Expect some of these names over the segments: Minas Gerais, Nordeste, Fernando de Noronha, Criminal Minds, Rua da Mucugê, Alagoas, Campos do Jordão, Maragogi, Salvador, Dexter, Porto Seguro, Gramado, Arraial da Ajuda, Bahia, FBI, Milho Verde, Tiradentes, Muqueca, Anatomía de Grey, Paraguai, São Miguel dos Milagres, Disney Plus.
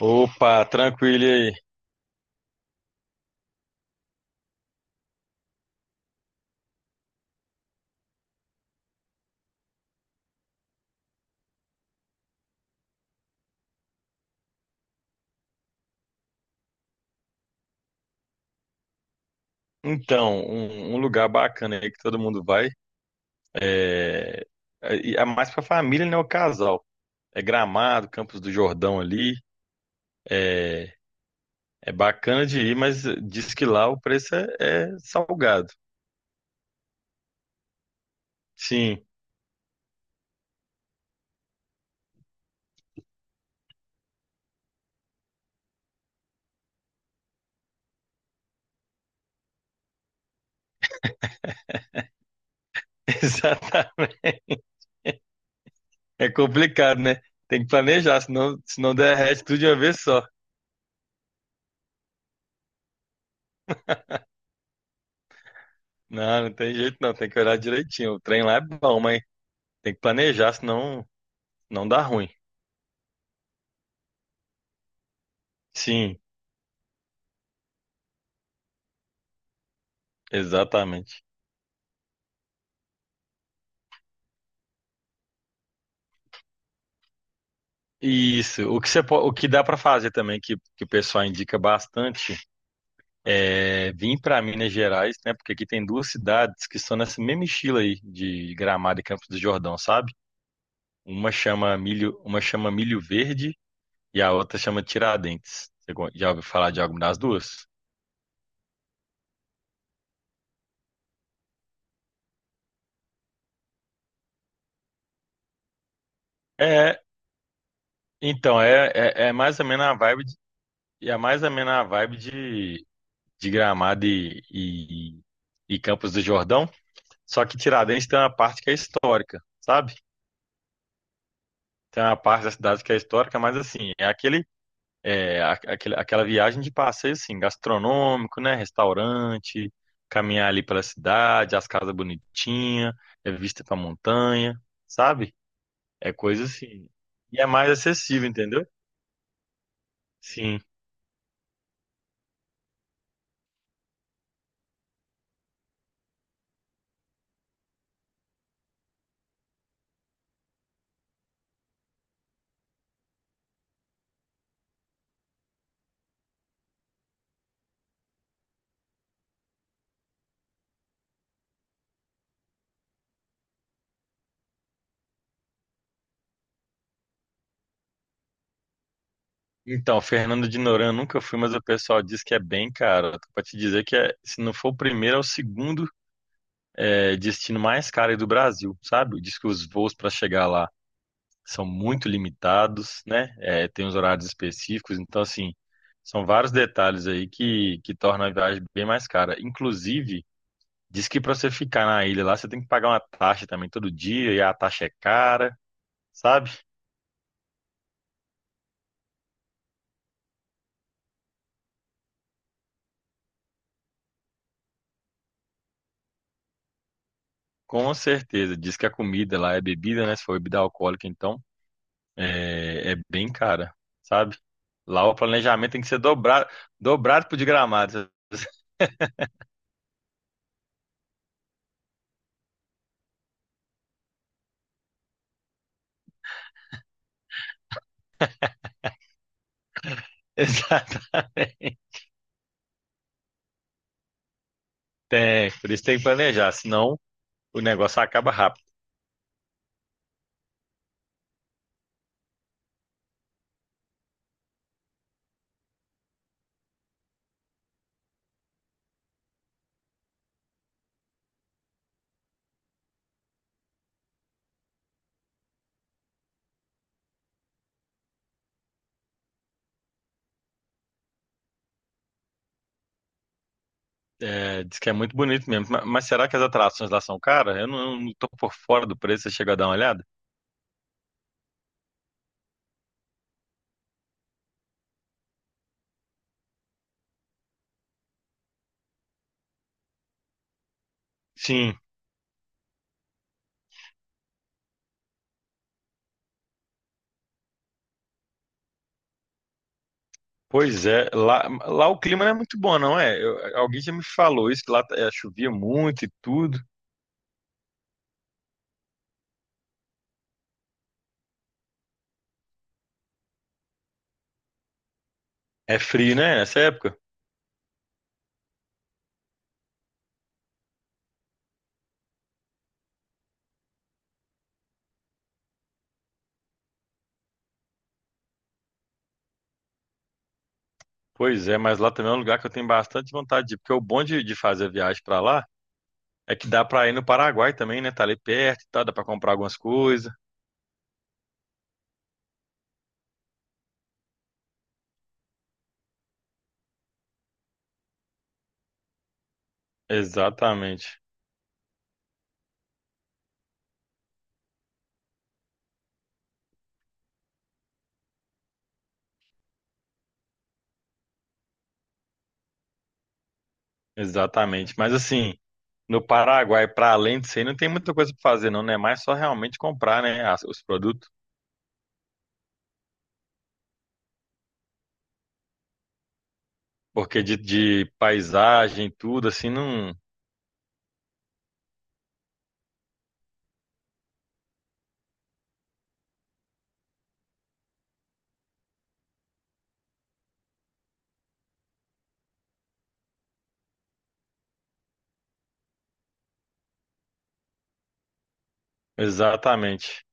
Opa, tranquilo e aí. Então, um lugar bacana aí que todo mundo vai é, é mais pra família, né? O casal. É Gramado, Campos do Jordão ali. É, é bacana de ir, mas diz que lá o preço é salgado. Sim, exatamente. É complicado, né? Tem que planejar, senão derrete tudo de uma vez só. Não, não tem jeito não, tem que olhar direitinho. O trem lá é bom, mas tem que planejar, senão não dá ruim. Sim. Exatamente. Isso. O que dá para fazer também, que o pessoal indica bastante, é vir para Minas Gerais, né? Porque aqui tem duas cidades que são nessa mesma estilo aí de Gramado e Campos do Jordão, sabe? Uma chama Milho Verde e a outra chama Tiradentes. Já ouviu falar de alguma das duas? É, então, é mais ou menos a vibe de, é mais ou menos a vibe de, de Gramado e Campos do Jordão. Só que Tiradentes tem uma parte que é histórica, sabe? Tem uma parte da cidade que é histórica, mas assim, é aquele, aquela viagem de passeio, assim, gastronômico, né? Restaurante, caminhar ali pela cidade, as casas bonitinhas, é vista pra montanha, sabe? É coisa assim. E é mais acessível, entendeu? Sim. Então, Fernando de Noronha eu nunca fui, mas o pessoal diz que é bem caro. Pra te dizer que se não for o primeiro, é o segundo destino mais caro aí do Brasil, sabe? Diz que os voos para chegar lá são muito limitados, né? É, tem os horários específicos, então assim, são vários detalhes aí que tornam a viagem bem mais cara. Inclusive, diz que para você ficar na ilha lá, você tem que pagar uma taxa também todo dia, e a taxa é cara, sabe? Com certeza, diz que a comida lá é bebida, né? Se for bebida alcoólica, então é bem cara, sabe? Lá o planejamento tem que ser dobrado, dobrado pro de Gramado. Exatamente. É, por isso tem que planejar, senão o negócio acaba rápido. É, diz que é muito bonito mesmo, mas será que as atrações lá são caras? Eu não tô por fora do preço, você chegou a dar uma olhada? Sim, pois é. Lá o clima não é muito bom, não é? Alguém já me falou isso, que lá chovia muito e tudo. É frio, né, nessa época? Pois é, mas lá também é um lugar que eu tenho bastante vontade de ir, porque o bom de fazer a viagem pra lá é que dá pra ir no Paraguai também, né? Tá ali perto e tal, dá pra comprar algumas coisas. Exatamente. Exatamente. Mas assim, no Paraguai, para além disso aí, não tem muita coisa para fazer, não, né? É mais só realmente comprar, né, os produtos. Porque de paisagem, tudo, assim, não. Exatamente.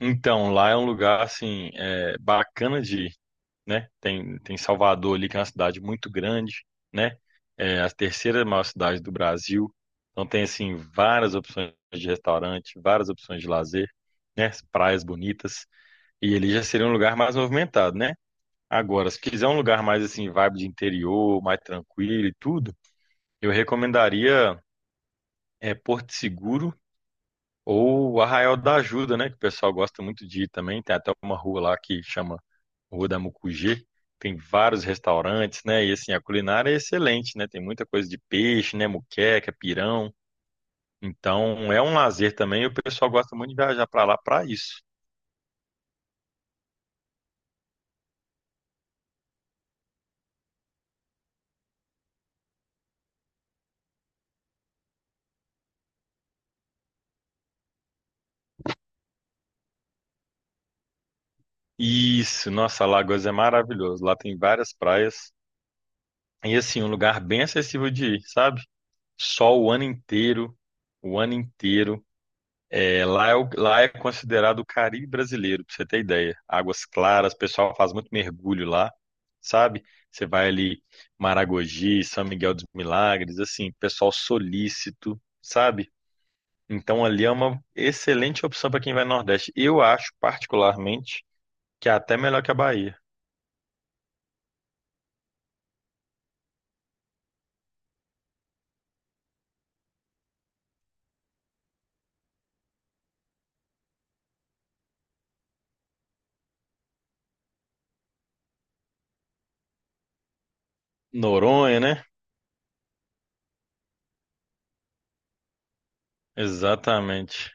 Então, lá é um lugar, assim, bacana de ir, né? Tem Salvador ali, que é uma cidade muito grande, né? É a terceira maior cidade do Brasil. Então, tem, assim, várias opções de restaurante, várias opções de lazer, né? Praias bonitas. E ele já seria um lugar mais movimentado, né? Agora, se quiser um lugar mais assim, vibe de interior, mais tranquilo e tudo, eu recomendaria Porto Seguro ou Arraial da Ajuda, né? Que o pessoal gosta muito de ir também. Tem até uma rua lá que chama Rua da Mucugê. Tem vários restaurantes, né? E assim, a culinária é excelente, né? Tem muita coisa de peixe, né? Muqueca, pirão. Então, é um lazer também. E o pessoal gosta muito de viajar para lá para isso. Isso, nossa, Alagoas é maravilhoso. Lá tem várias praias. E assim, um lugar bem acessível de ir, sabe? Sol o ano inteiro, o ano inteiro. Lá é considerado o Caribe brasileiro, pra você ter ideia. Águas claras, o pessoal faz muito mergulho lá, sabe? Você vai ali, Maragogi, São Miguel dos Milagres, assim, pessoal solícito, sabe? Então ali é uma excelente opção para quem vai no Nordeste. Eu acho, particularmente, que é até melhor que a Bahia. Noronha, né? Exatamente.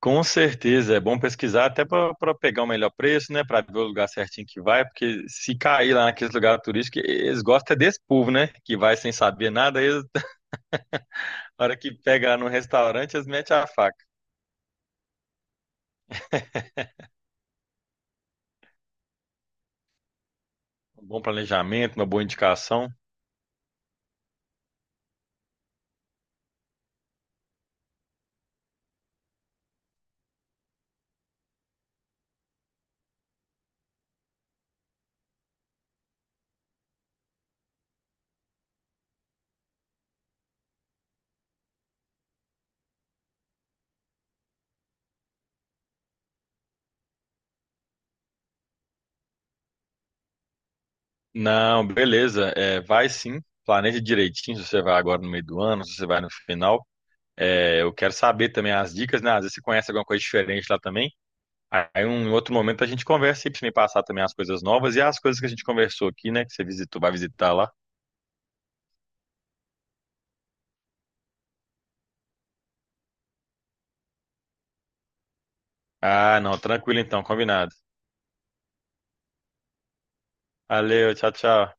Com certeza, é bom pesquisar até para pegar o melhor preço, né? Para ver o lugar certinho que vai, porque se cair lá naqueles lugares turísticos, eles gostam é desse povo, né? Que vai sem saber nada, eles, na hora que pega no restaurante, eles metem a faca. Um bom planejamento, uma boa indicação. Não, beleza, é, vai sim, planeja direitinho se você vai agora no meio do ano, se você vai no final. É, eu quero saber também as dicas, né? Às vezes você conhece alguma coisa diferente lá também. Aí um em outro momento a gente conversa e pra você me passar também as coisas novas e as coisas que a gente conversou aqui, né? Que você visitou, vai visitar lá. Ah, não, tranquilo então, combinado. Valeu, tchau, tchau.